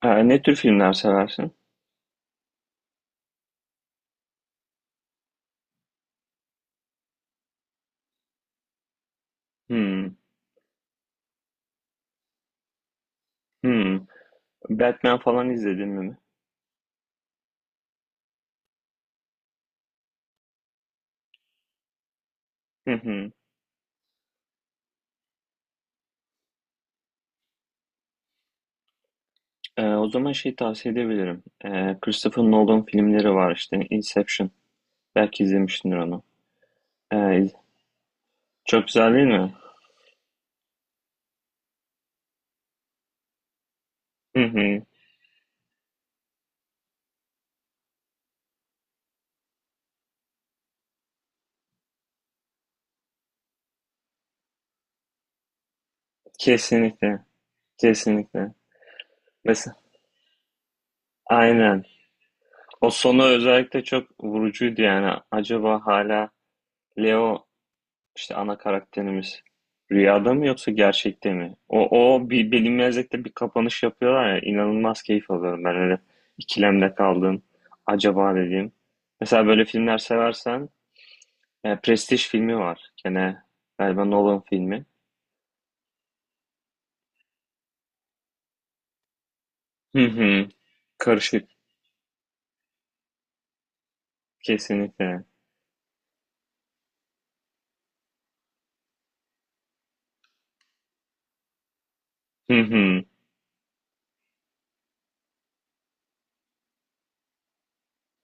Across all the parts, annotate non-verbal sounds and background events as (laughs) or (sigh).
Ha, ne tür filmler seversin? Hmm, hmm. Batman falan izledin mi? Hı hı. O zaman tavsiye edebilirim. Christopher Nolan filmleri var işte. Inception. Belki izlemişsindir onu. Ee, iz- Çok güzel değil mi? Hı hı. Kesinlikle. Kesinlikle. Mesela aynen. O sonu özellikle çok vurucuydu yani. Acaba hala Leo, İşte ana karakterimiz, rüyada mı yoksa gerçekte mi? O bir bilinmezlikte bir kapanış yapıyorlar ya, inanılmaz keyif alıyorum ben öyle. İkilemde kaldım acaba dediğim. Mesela böyle filmler seversen Prestige filmi var, gene galiba Nolan filmi. Hı hı. Karışık, kesinlikle. Hı hı.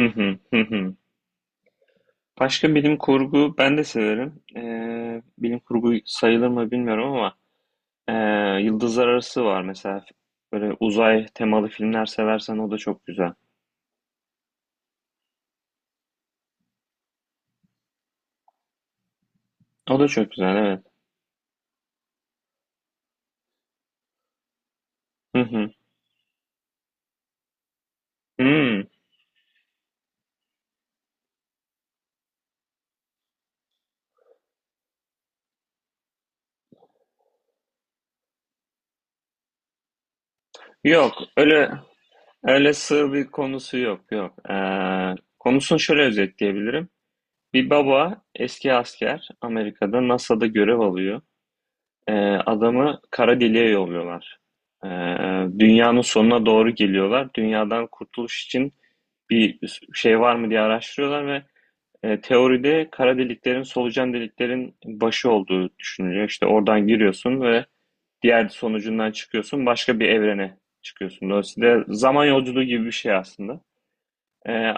Hı hı. Hı hı. Başka bilim kurgu ben de severim. Bilim kurgu sayılır mı bilmiyorum ama Ee, Yıldızlar Arası var mesela. Böyle uzay temalı filmler seversen o da çok güzel. O da çok güzel, evet. Hı hı. Hmm. Yok öyle, sığ bir konusu yok yok. Konusunu şöyle özetleyebilirim. Bir baba, eski asker, Amerika'da NASA'da görev alıyor. Adamı kara deliğe yolluyorlar. Ee, Dünyanın sonuna doğru geliyorlar. Dünyadan kurtuluş için bir şey var mı diye araştırıyorlar ve teoride kara deliklerin, solucan deliklerin başı olduğu düşünülüyor. İşte oradan giriyorsun ve diğer sonucundan çıkıyorsun. Başka bir evrene çıkıyorsun. Dolayısıyla zaman yolculuğu gibi bir şey aslında. E,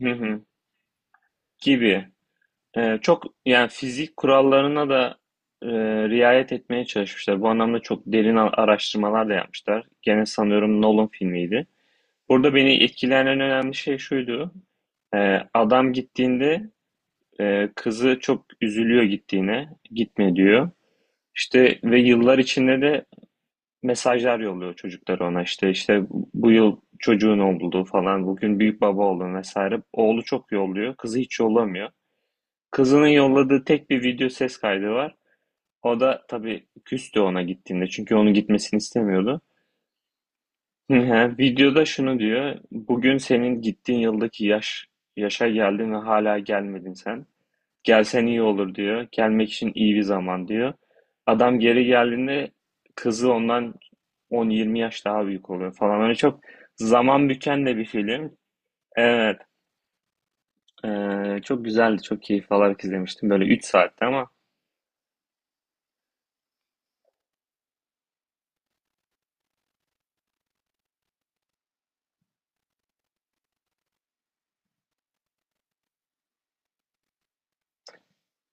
hı hı, gibi. Çok yani fizik kurallarına da e, riayet etmeye çalışmışlar. Bu anlamda çok derin araştırmalar da yapmışlar. Gene sanıyorum Nolan filmiydi. Burada beni etkileyen en önemli şey şuydu. Adam gittiğinde kızı çok üzülüyor gittiğine, gitme diyor. İşte ve yıllar içinde de mesajlar yolluyor çocuklar ona. İşte bu yıl çocuğun oldu falan, bugün büyük baba oldun vesaire. Oğlu çok yolluyor, kızı hiç yollamıyor. Kızının yolladığı tek bir video ses kaydı var. O da tabii küstü ona gittiğinde, çünkü onun gitmesini istemiyordu. (laughs) Videoda şunu diyor: bugün senin gittiğin yıldaki yaşa geldin ve hala gelmedin sen. Gelsen iyi olur diyor. Gelmek için iyi bir zaman diyor. Adam geri geldiğinde kızı ondan 10-20 yaş daha büyük oluyor falan. Öyle çok zaman büken de bir film. Evet. Çok güzeldi. Çok keyif alarak izlemiştim. Böyle 3 saatte ama.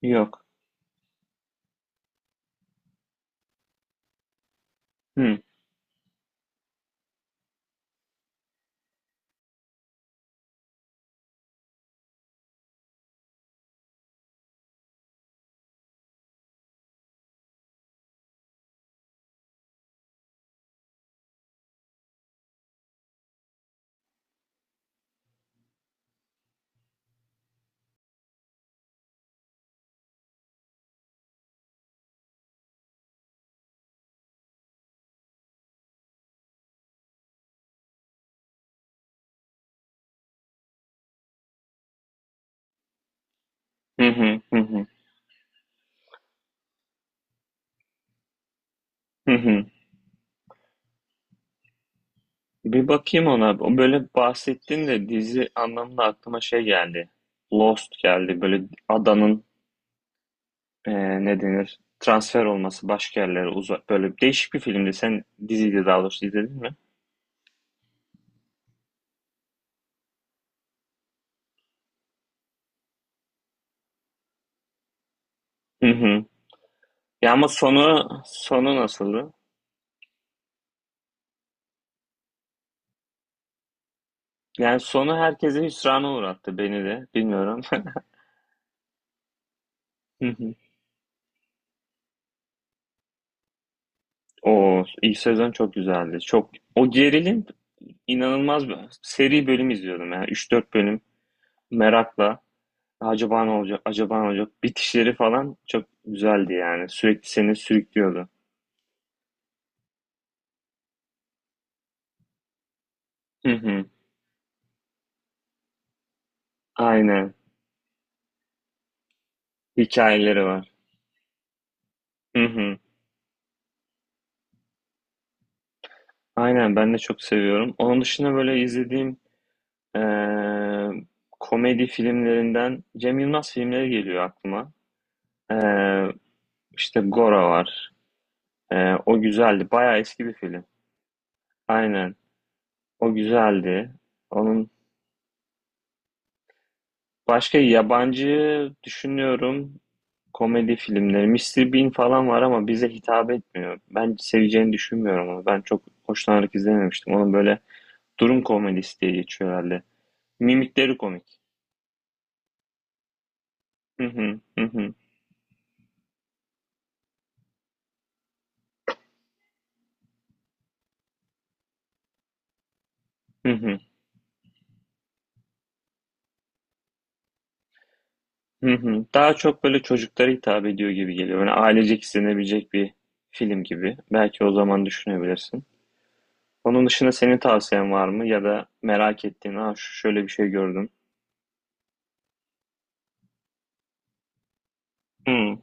Yok. Hı. Hı hı hı hı. Hı hı. Bir bakayım ona. O, böyle bahsettin de dizi anlamında aklıma geldi. Lost geldi. Böyle adanın ne denir? Transfer olması başka yerlere uzak. Böyle değişik bir filmdi. Sen diziydi daha doğrusu izledin mi? Hı hı. Ya ama sonu nasıldı? Yani sonu herkese hüsrana uğrattı, beni de. Bilmiyorum. (laughs) Hı hı. O ilk sezon çok güzeldi. Çok o gerilim, inanılmaz bir seri. Bölüm izliyordum yani üç dört bölüm, merakla. Acaba ne olacak? Acaba ne olacak? Bitişleri falan çok güzeldi yani. Sürekli seni sürüklüyordu. Hı hı. Aynen. Hikayeleri var. Hı hı. Aynen, ben de çok seviyorum. Onun dışında böyle izlediğim eee, komedi filmlerinden Cem Yılmaz filmleri geliyor aklıma. Eee işte Gora var. O güzeldi. Bayağı eski bir film. Aynen. O güzeldi. Onun başka yabancı düşünüyorum komedi filmleri. Mr. Bean falan var ama bize hitap etmiyor. Ben seveceğini düşünmüyorum onu. Ben çok hoşlanarak izlememiştim. Onun böyle durum komedisi diye geçiyor herhalde. Mimikleri komik. Hı hı, hı hı. Hı hı. Hı hı. Daha çok böyle çocuklara hitap ediyor gibi geliyor. Yani ailecek izlenebilecek bir film gibi. Belki o zaman düşünebilirsin. Onun dışında senin tavsiyen var mı? Ya da merak ettiğin, ha şu, şöyle bir şey gördüm. Hı.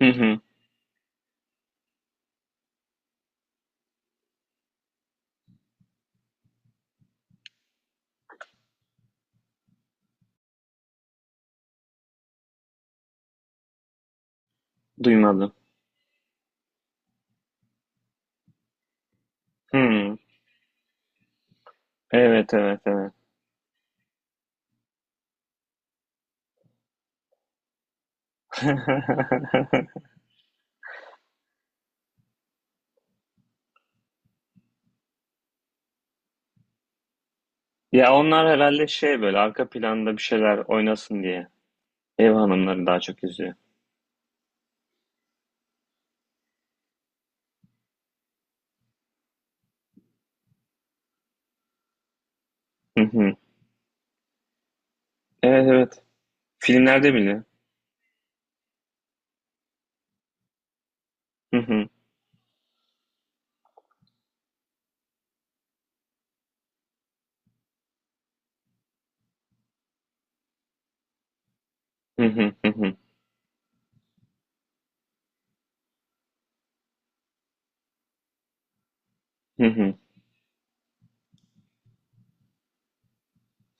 Hı hı. Duymadım. Hı. Evet, evet, evet. (laughs) Ya onlar herhalde böyle arka planda bir şeyler oynasın diye ev hanımları daha çok izliyor. Hı hı. Evet, evet. Filmlerde bile. Hı hı. Hı hı. Hı hı. Hı hı.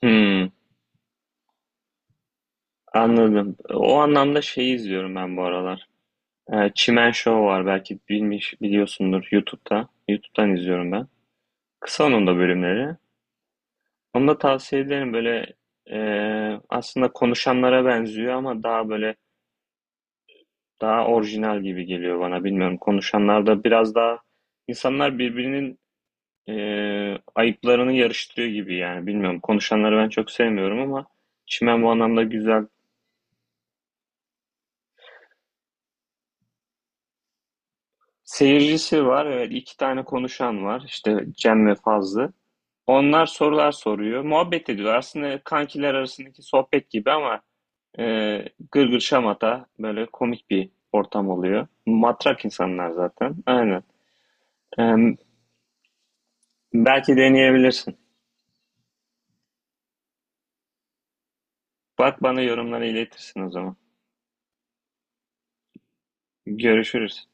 Hı. Anladım. O anlamda şeyi izliyorum ben bu aralar. Çimen Show var, belki biliyorsundur, YouTube'da. YouTube'dan izliyorum ben. Kısa onun da bölümleri. Onu da tavsiye ederim. Böyle e, aslında konuşanlara benziyor ama daha böyle, daha orijinal gibi geliyor bana. Bilmiyorum. Konuşanlarda biraz daha insanlar birbirinin e, ayıplarını yarıştırıyor gibi yani. Bilmiyorum. Konuşanları ben çok sevmiyorum ama Çimen bu anlamda güzel. Seyircisi var. Evet, iki tane konuşan var. İşte Cem ve Fazlı. Onlar sorular soruyor. Muhabbet ediyor. Aslında kankiler arasındaki sohbet gibi ama e, gırgır şamata, böyle komik bir ortam oluyor. Matrak insanlar zaten. Aynen. E, Belki deneyebilirsin. Bak, bana yorumları iletirsin o zaman. Görüşürüz.